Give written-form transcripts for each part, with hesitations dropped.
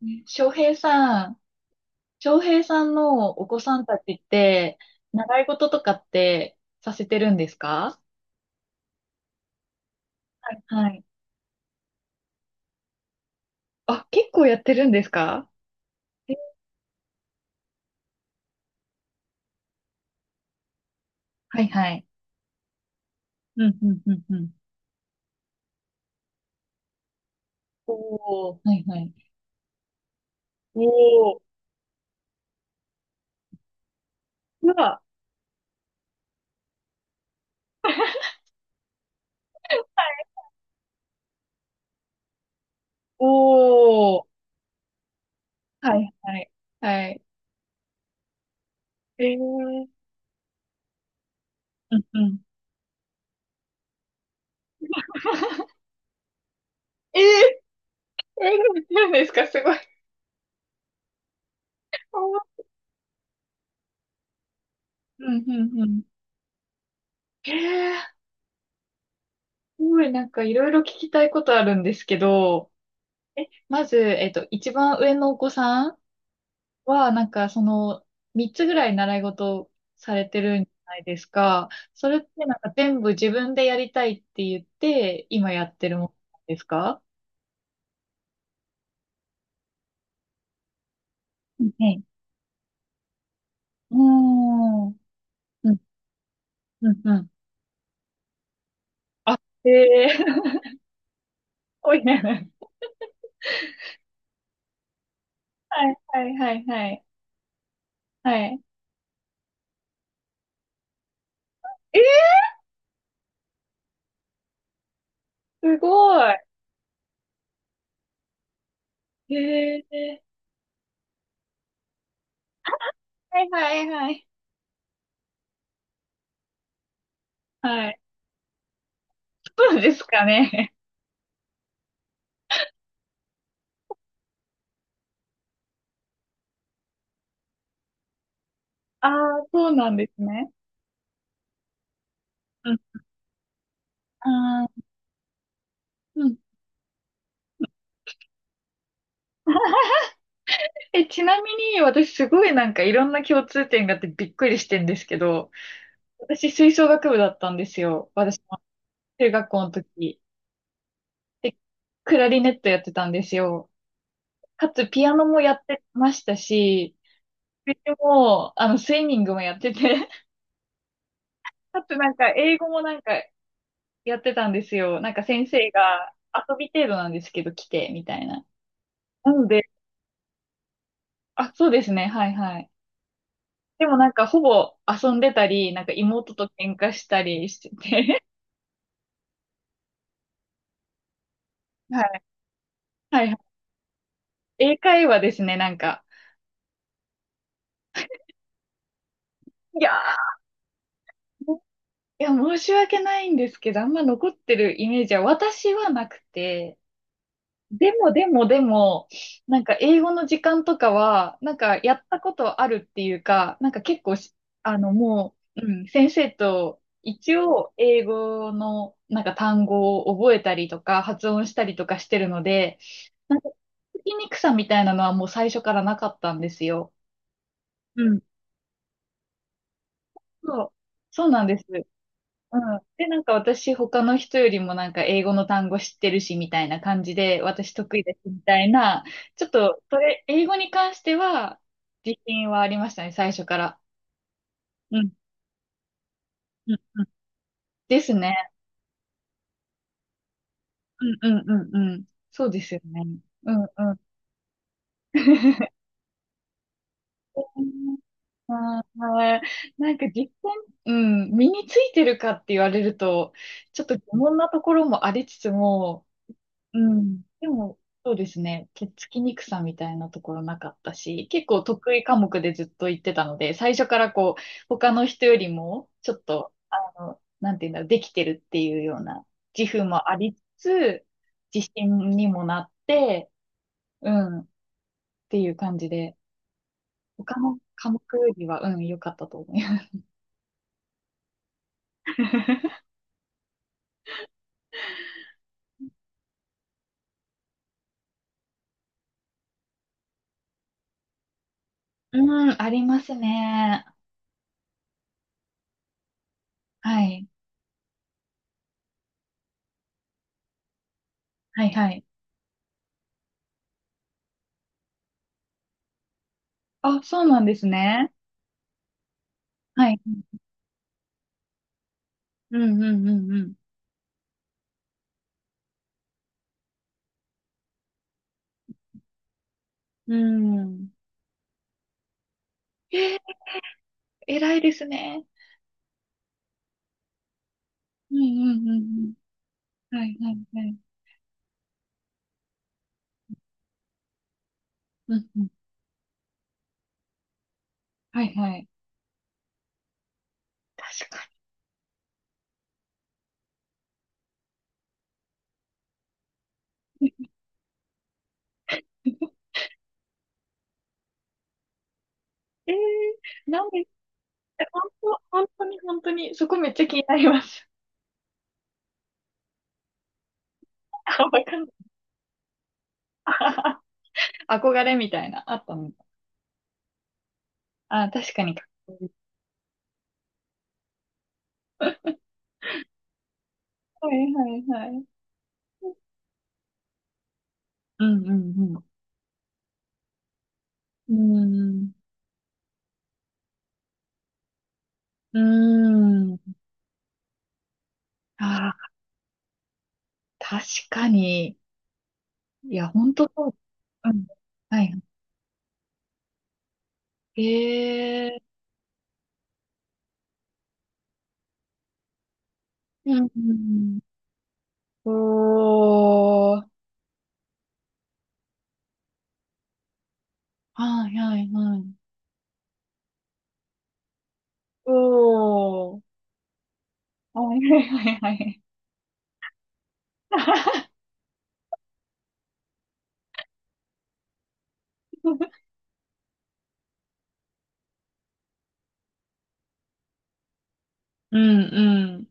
ね翔平さん、翔平さんのお子さんたちって、習い事とかってさせてるんですか？はいはい。あ、結構やってるんですか？え？はいはい。うんうんうんうん。おお、はいはい。おお、うわ。おお、はいはい。はい。えー。うんうん。えー、えー、見てるんですか？すごい。おー。うんうんうん。えー。すごいなんかいろいろ聞きたいことあるんですけど、え、まず、一番上のお子さんは、なんか、三つぐらい習い事されてるんじゃないですか？それってなんか全部自分でやりたいって言って、今やってるものなんですか？うんはい。うーん。うん、うん、うん。あ、へえ。 おいね。はい、はい、はい、はい。はい。え、すごい。へえ。はい、はい、はい。はい。そうですかね。ああ、そうなんですね。うん。ああ。うん。え、ちなみに私すごいなんかいろんな共通点があってびっくりしてんですけど、私吹奏楽部だったんですよ。私も中学校の時。で、クラリネットやってたんですよ。かつピアノもやってましたし、でも、スイミングもやってて、かつなんか英語もなんかやってたんですよ。なんか先生が遊び程度なんですけど来て、みたいな。なので、あ、そうですね、はいはい。でもなんかほぼ遊んでたり、なんか妹と喧嘩したりしてて、はいはい。英会話ですね、なんか。いやー、いや、申し訳ないんですけど、あんま残ってるイメージは私はなくて、でもでもでも、なんか英語の時間とかは、なんかやったことあるっていうか、なんか結構し、もう、うん、先生と一応英語のなんか単語を覚えたりとか発音したりとかしてるので、なんか聞きにくさみたいなのはもう最初からなかったんですよ。うん。そう、そうなんです。うん。で、なんか私、他の人よりもなんか英語の単語知ってるし、みたいな感じで、私得意ですみたいな、ちょっと、それ、英語に関しては、自信はありましたね、最初から。うん、うん、うん。ですね。うん、うん、うん、うん。そうですよね。うん、うん。まあ、なんか実践、うん、身についてるかって言われると、ちょっと疑問なところもありつつも、うん。でも、そうですね。手つきにくさみたいなところなかったし、結構得意科目でずっと行ってたので、最初からこう、他の人よりも、ちょっと、なんていうんだろう、できてるっていうような自負もありつつ、自信にもなって、うん、っていう感じで、他の科目よりは、うん、良かったと思います。うん、ありますね。はい。はい、はい。あ、そうなんですね。はい。うん、うん、うん、うん。うん。えー、偉いですね。うんうんうんうん。はいはいはい。うんうん。はいはい。確かに。えー、なんで。え、本当、本当に本当に、そこめっちゃ気になります。あ、わかんない。憧れみたいな、あったのか。あ、確かにかっこいい。はいはいはい。うんうんうん。うーん。うーん。あー確かに。いや、本当そう。うん。はい。ええー。うん、うんうん。おー。はいはいはい。おー。はいはいはいはい。うんうん。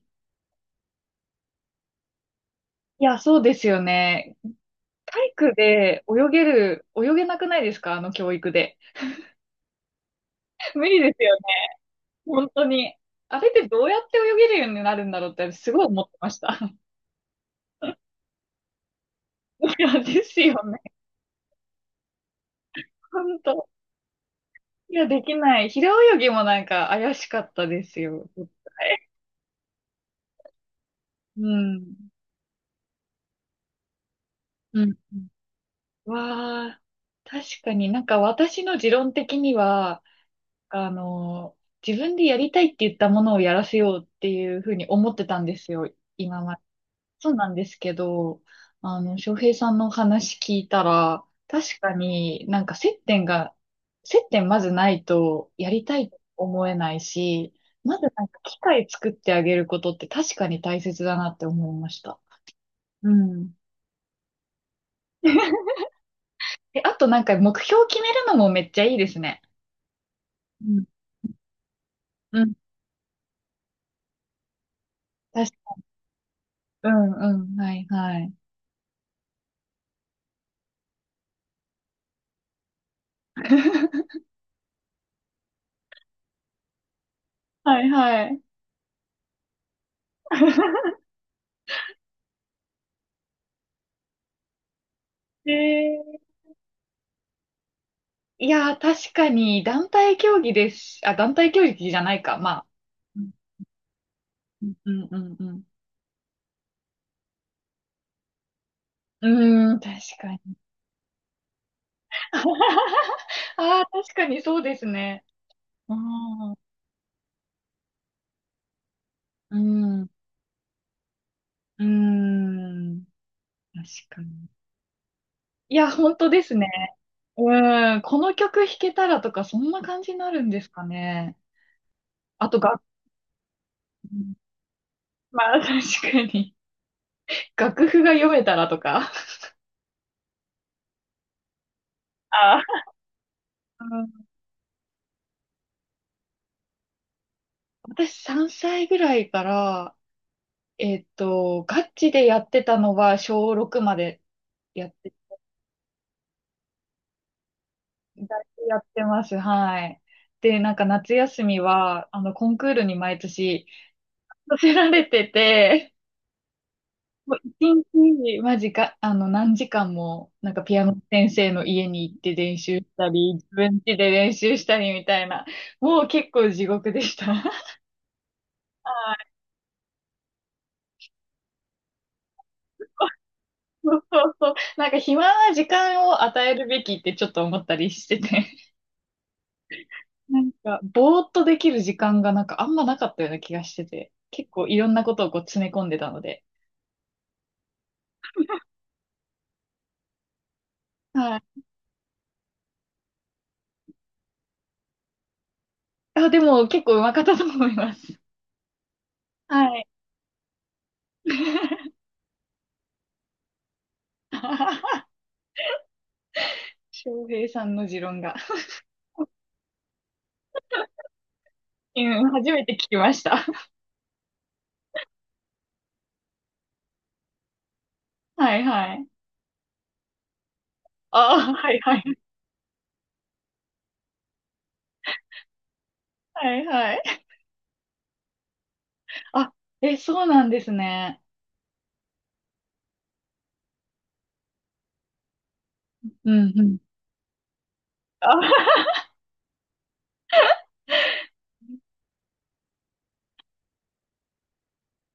いや、そうですよね。体育で泳げなくないですか、あの教育で。無理ですよね。本当に。あれってどうやって泳げるようになるんだろうってすごい思ってました。いや、ですよね。本当。いや、できない。平泳ぎもなんか怪しかったですよ。絶対。うん。うん。わあ、確かになんか私の持論的には、あの、自分でやりたいって言ったものをやらせようっていうふうに思ってたんですよ、今まで。そうなんですけど、翔平さんのお話聞いたら、確かになんか接点が、接点まずないとやりたいと思えないし、まずなんか機会作ってあげることって確かに大切だなって思いました。うん。え、あとなんか目標決めるのもめっちゃいいですね。うん、うん、確か、うん、うん、はい、はい。はい、はい。えー、いやー、確かに、団体競技です。あ、団体競技じゃないか、まあ。うん、うん、うん、うん。うん、うーん、確かに。ああ、確かにそうですね。ああ。うん、うん、確かに。いや、本当ですね。うん、この曲弾けたらとか、そんな感じになるんですかね。あとが。うんまあ、確かに。楽譜が読めたらとか。あ、うん。私3歳ぐらいから、ガチでやってたのは小6までやって、だいぶやってます。はい。で、なんか夏休みは、コンクールに毎年させられてて、もう一日、マジか、何時間も、なんかピアノ先生の家に行って練習したり、自分家で練習したりみたいな、もう結構地獄でした。そうそうそう。なんか暇な時間を与えるべきってちょっと思ったりしてて。なんか、ぼーっとできる時間がなんかあんまなかったような気がしてて。結構いろんなことをこう詰め込んでたので。はい。あ、でも結構うまかったと思います。はい。翔平さんの持論が。うん、初めて聞きました。はいはい。ああ、はいはい。はいはい。あ、え、そうなんですね。うんうん。あ